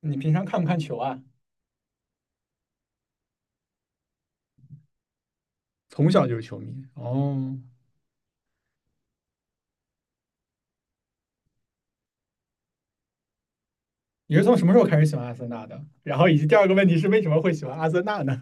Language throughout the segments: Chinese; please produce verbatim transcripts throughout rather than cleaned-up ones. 你平常看不看球啊？从小就是球迷哦。你是从什么时候开始喜欢阿森纳的？然后以及第二个问题是为什么会喜欢阿森纳呢？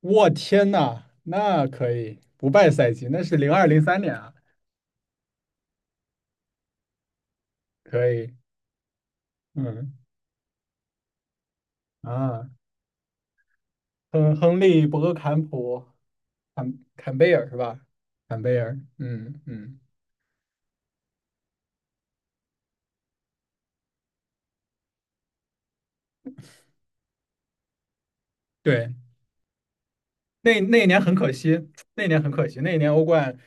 我天呐，那可以不败赛季，那是零二零三年啊，可以，嗯啊，亨亨利、博格坎普、坎坎贝尔是吧？坎贝尔，嗯嗯，对，那那一年很可惜，那一年很可惜，那一年欧冠，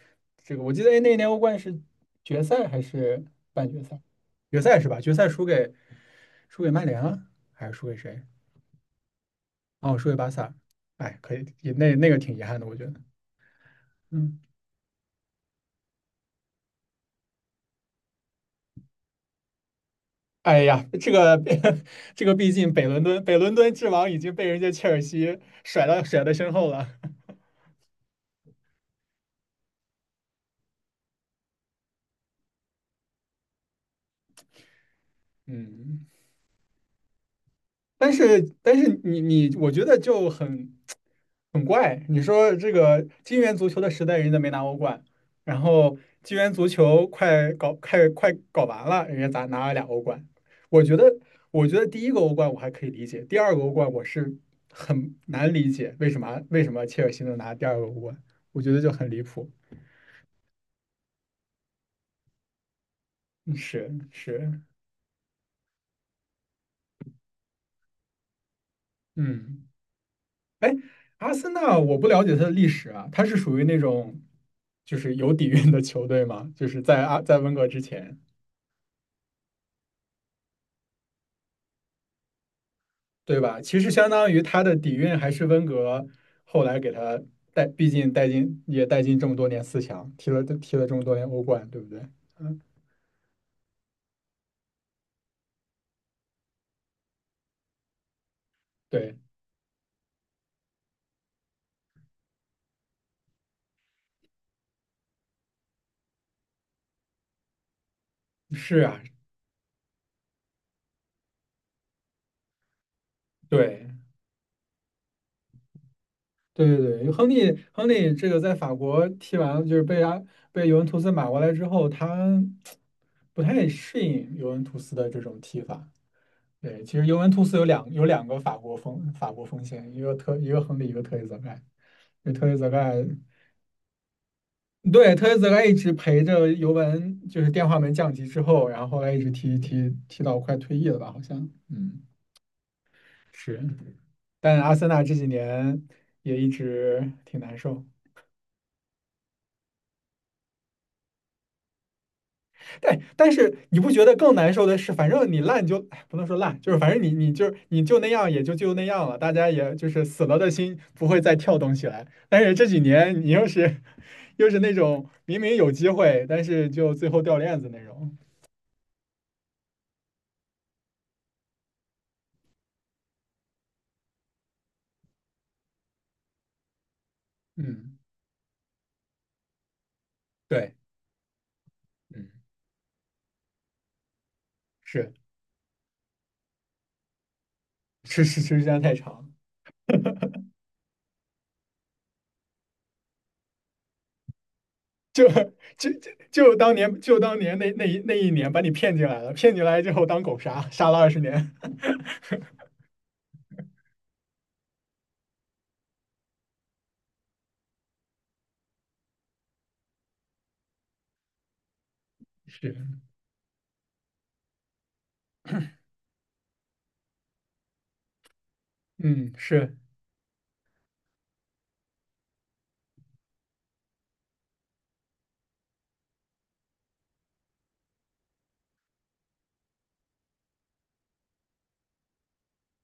这个我记得，哎，那一年欧冠是决赛还是半决赛？决赛是吧？决赛输给输给曼联了，还是输给谁？哦，输给巴萨。哎，可以，也那那个挺遗憾的，我觉得。嗯，哎呀，这个 这个，毕竟北伦敦北伦敦之王已经被人家切尔西甩到甩在身后了。嗯。但是但是你你，我觉得就很很怪。你说这个金元足球的时代，人家没拿欧冠，然后金元足球快搞快快搞完了，人家咋拿了俩欧冠？我觉得我觉得第一个欧冠我还可以理解，第二个欧冠我是很难理解为什么为什么切尔西能拿第二个欧冠，我觉得就很离谱。嗯，是，是。嗯。阿森纳我不了解它的历史啊，它是属于那种就是有底蕴的球队嘛，就是在阿在温格之前，对吧？其实相当于它的底蕴还是温格后来给他带，毕竟带进也带进这么多年四强，踢了踢了这么多年欧冠，对不对？嗯，对，是啊，对。对对对，亨利亨利这个在法国踢完了，就是被阿被尤文图斯买过来之后，他不太适应尤文图斯的这种踢法，对，其实尤文图斯有两有两个法国锋法国锋线，一个特一个亨利，一个特雷泽盖。对，特雷泽盖，对，特雷泽盖一直陪着尤文，就是电话门降级之后，然后后来一直踢踢踢到快退役了吧，好像，嗯，是。但阿森纳这几年也一直挺难受，但但是你不觉得更难受的是，反正你烂就，哎，不能说烂，就是反正你你就是你就那样，也就就那样了，大家也就是死了的心不会再跳动起来。但是这几年你又是又是那种明明有机会，但是就最后掉链子那种。嗯，对，嗯，是，是，是，是时间太长，就就就就当年就当年那那一那一年把你骗进来了，骗进来之后当狗杀，杀了二十年。是，嗯，是，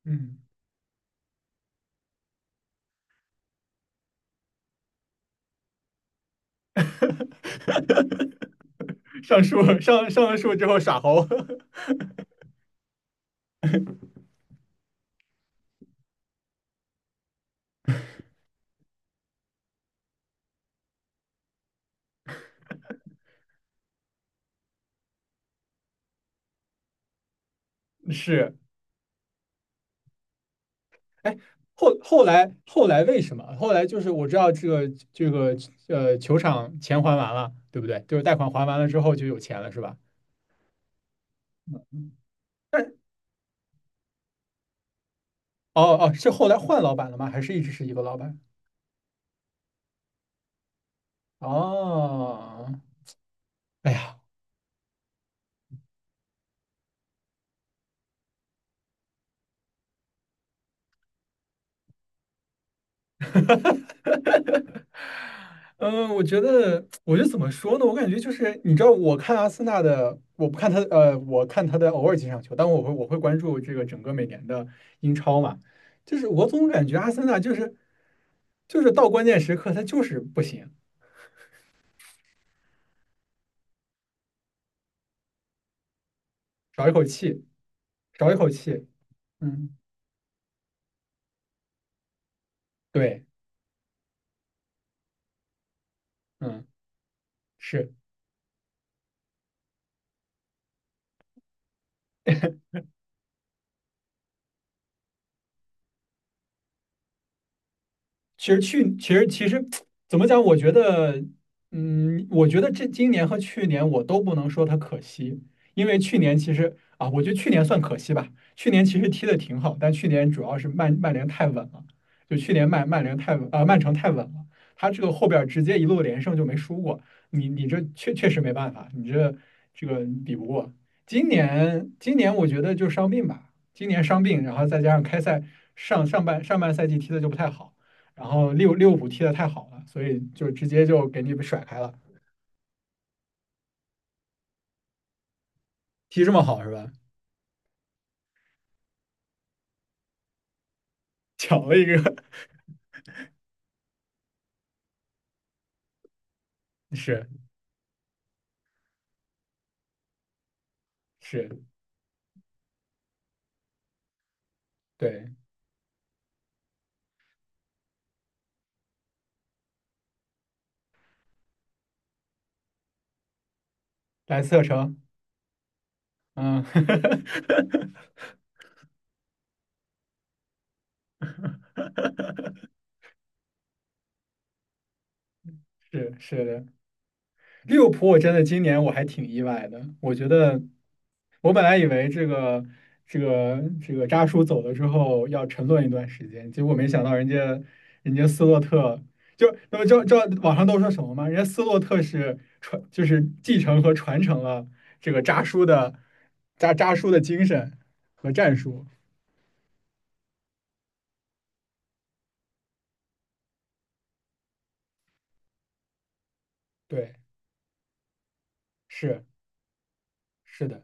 嗯。上树上上了树之后耍猴 是，哎，后后来后来为什么？后来就是我知道这个这个呃球场钱还完了，对不对？就是贷款还完了之后就有钱了，是吧？但哦哦，是后来换老板了吗？还是一直是一个老板？哦，哎呀，嗯，我觉得，我觉得怎么说呢？我感觉就是，你知道，我看阿森纳的，我不看他，呃，我看他的偶尔几场球，但我会我会关注这个整个每年的英超嘛。就是我总感觉阿森纳就是就是到关键时刻他就是不行，少一口气，少一口气。嗯，对，嗯，是。其实去，其实其实怎么讲？我觉得，嗯，我觉得这今年和去年我都不能说它可惜，因为去年其实啊，我觉得去年算可惜吧。去年其实踢的挺好，但去年主要是曼曼联太稳了，就去年曼曼联太稳，呃，曼城太稳了，他这个后边儿直接一路连胜就没输过，你你这确确实没办法，你这这个比不过。今年今年我觉得就伤病吧，今年伤病，然后再加上开赛上上半上半赛季踢的就不太好。然后六六五踢的太好了，所以就直接就给你甩开了。踢这么好是吧？巧了一个，是，是，对，莱斯特城，嗯，是，是的，利物浦，我真的今年我还挺意外的。我觉得，我本来以为这个这个这个扎叔走了之后要沉沦一段时间，结果没想到人家人家斯洛特就那么就就网上都说什么嘛，人家斯洛特是传就是继承和传承了这个扎叔的扎扎叔的精神和战术。对，是，是的。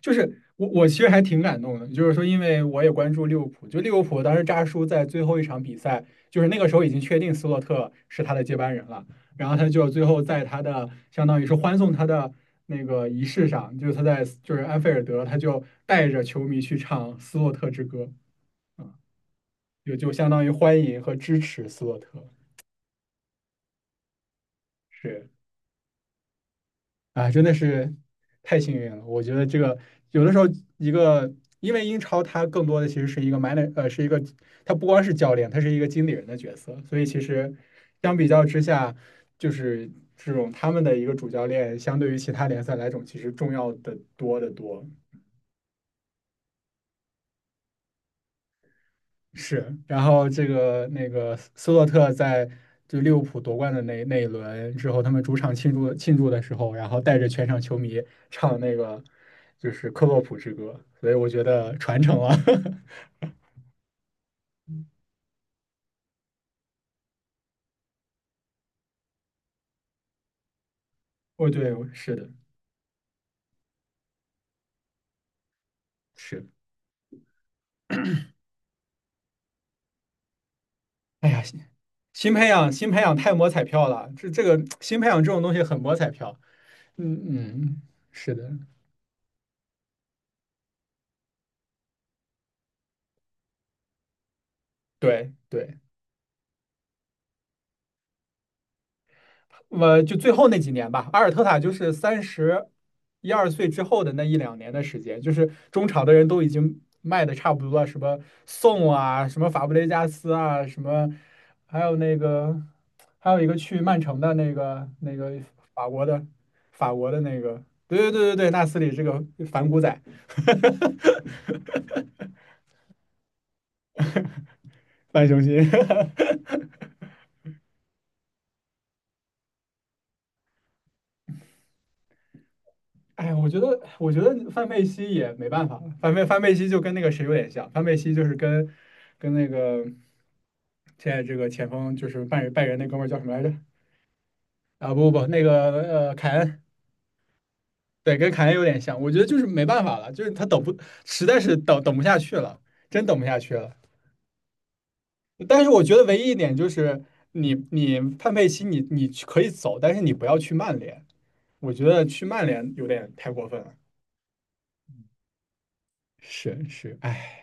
就是我我其实还挺感动的，就是说，因为我也关注利物浦，就利物浦当时扎叔在最后一场比赛，就是那个时候已经确定斯洛特是他的接班人了，然后他就最后在他的相当于是欢送他的那个仪式上，就是他在就是安菲尔德，他就带着球迷去唱《斯洛特之歌》，啊，嗯就就相当于欢迎和支持斯洛特，是。啊，真的是太幸运了。我觉得这个有的时候一个，因为英超它更多的其实是一个 man，r 呃，是一个它不光是教练，它是一个经理人的角色。所以其实相比较之下，就是这种他们的一个主教练，相对于其他联赛来种，其实重要的多得多。是，然后这个那个斯洛特在就利物浦夺冠的那那一轮之后，他们主场庆祝庆祝的时候，然后带着全场球迷唱那个就是克洛普之歌，所以我觉得传承了。哦，对，是的，是。哎呀，新新培养新培养太摸彩票了，这这个新培养这种东西很摸彩票。嗯嗯，嗯，是的，对对。我就最后那几年吧，阿尔特塔就是三十一二岁之后的那一两年的时间，就是中场的人都已经卖的差不多了，什么宋啊，什么法布雷加斯啊，什么还有那个还有一个去曼城的那个那个法国的法国的那个，对对对对对，纳斯里这个反骨仔，反雄心。哎，我觉得，我觉得范佩西也没办法。范佩范佩西就跟那个谁有点像，范佩西就是跟跟那个现在这个前锋就是拜仁拜仁那哥们儿叫什么来着？啊，不不不，那个呃凯恩，对，跟凯恩有点像。我觉得就是没办法了，就是他等不，实在是等等不下去了，真等不下去了。但是我觉得唯一一点就是你，你范佩西你，你去可以走，但是你不要去曼联。我觉得去曼联有点太过分了。是是，哎。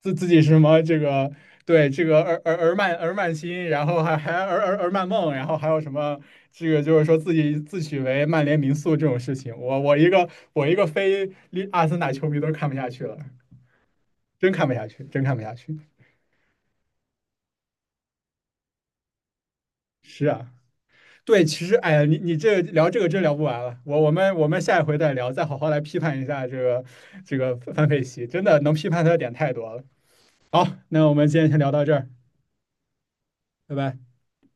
自自己是什么这个对这个而而而曼而曼心，然后还还而而而曼梦，然后还有什么这个就是说自己自诩为曼联名宿这种事情，我我一个我一个非利阿森纳球迷都看不下去了，真看不下去，真看不下去。是啊，对，其实哎呀，你你这聊这个真聊不完了，我我们我们下一回再聊，再好好来批判一下这个这个范佩西，真的能批判他的点太多了。好，那我们今天先聊到这儿，拜拜。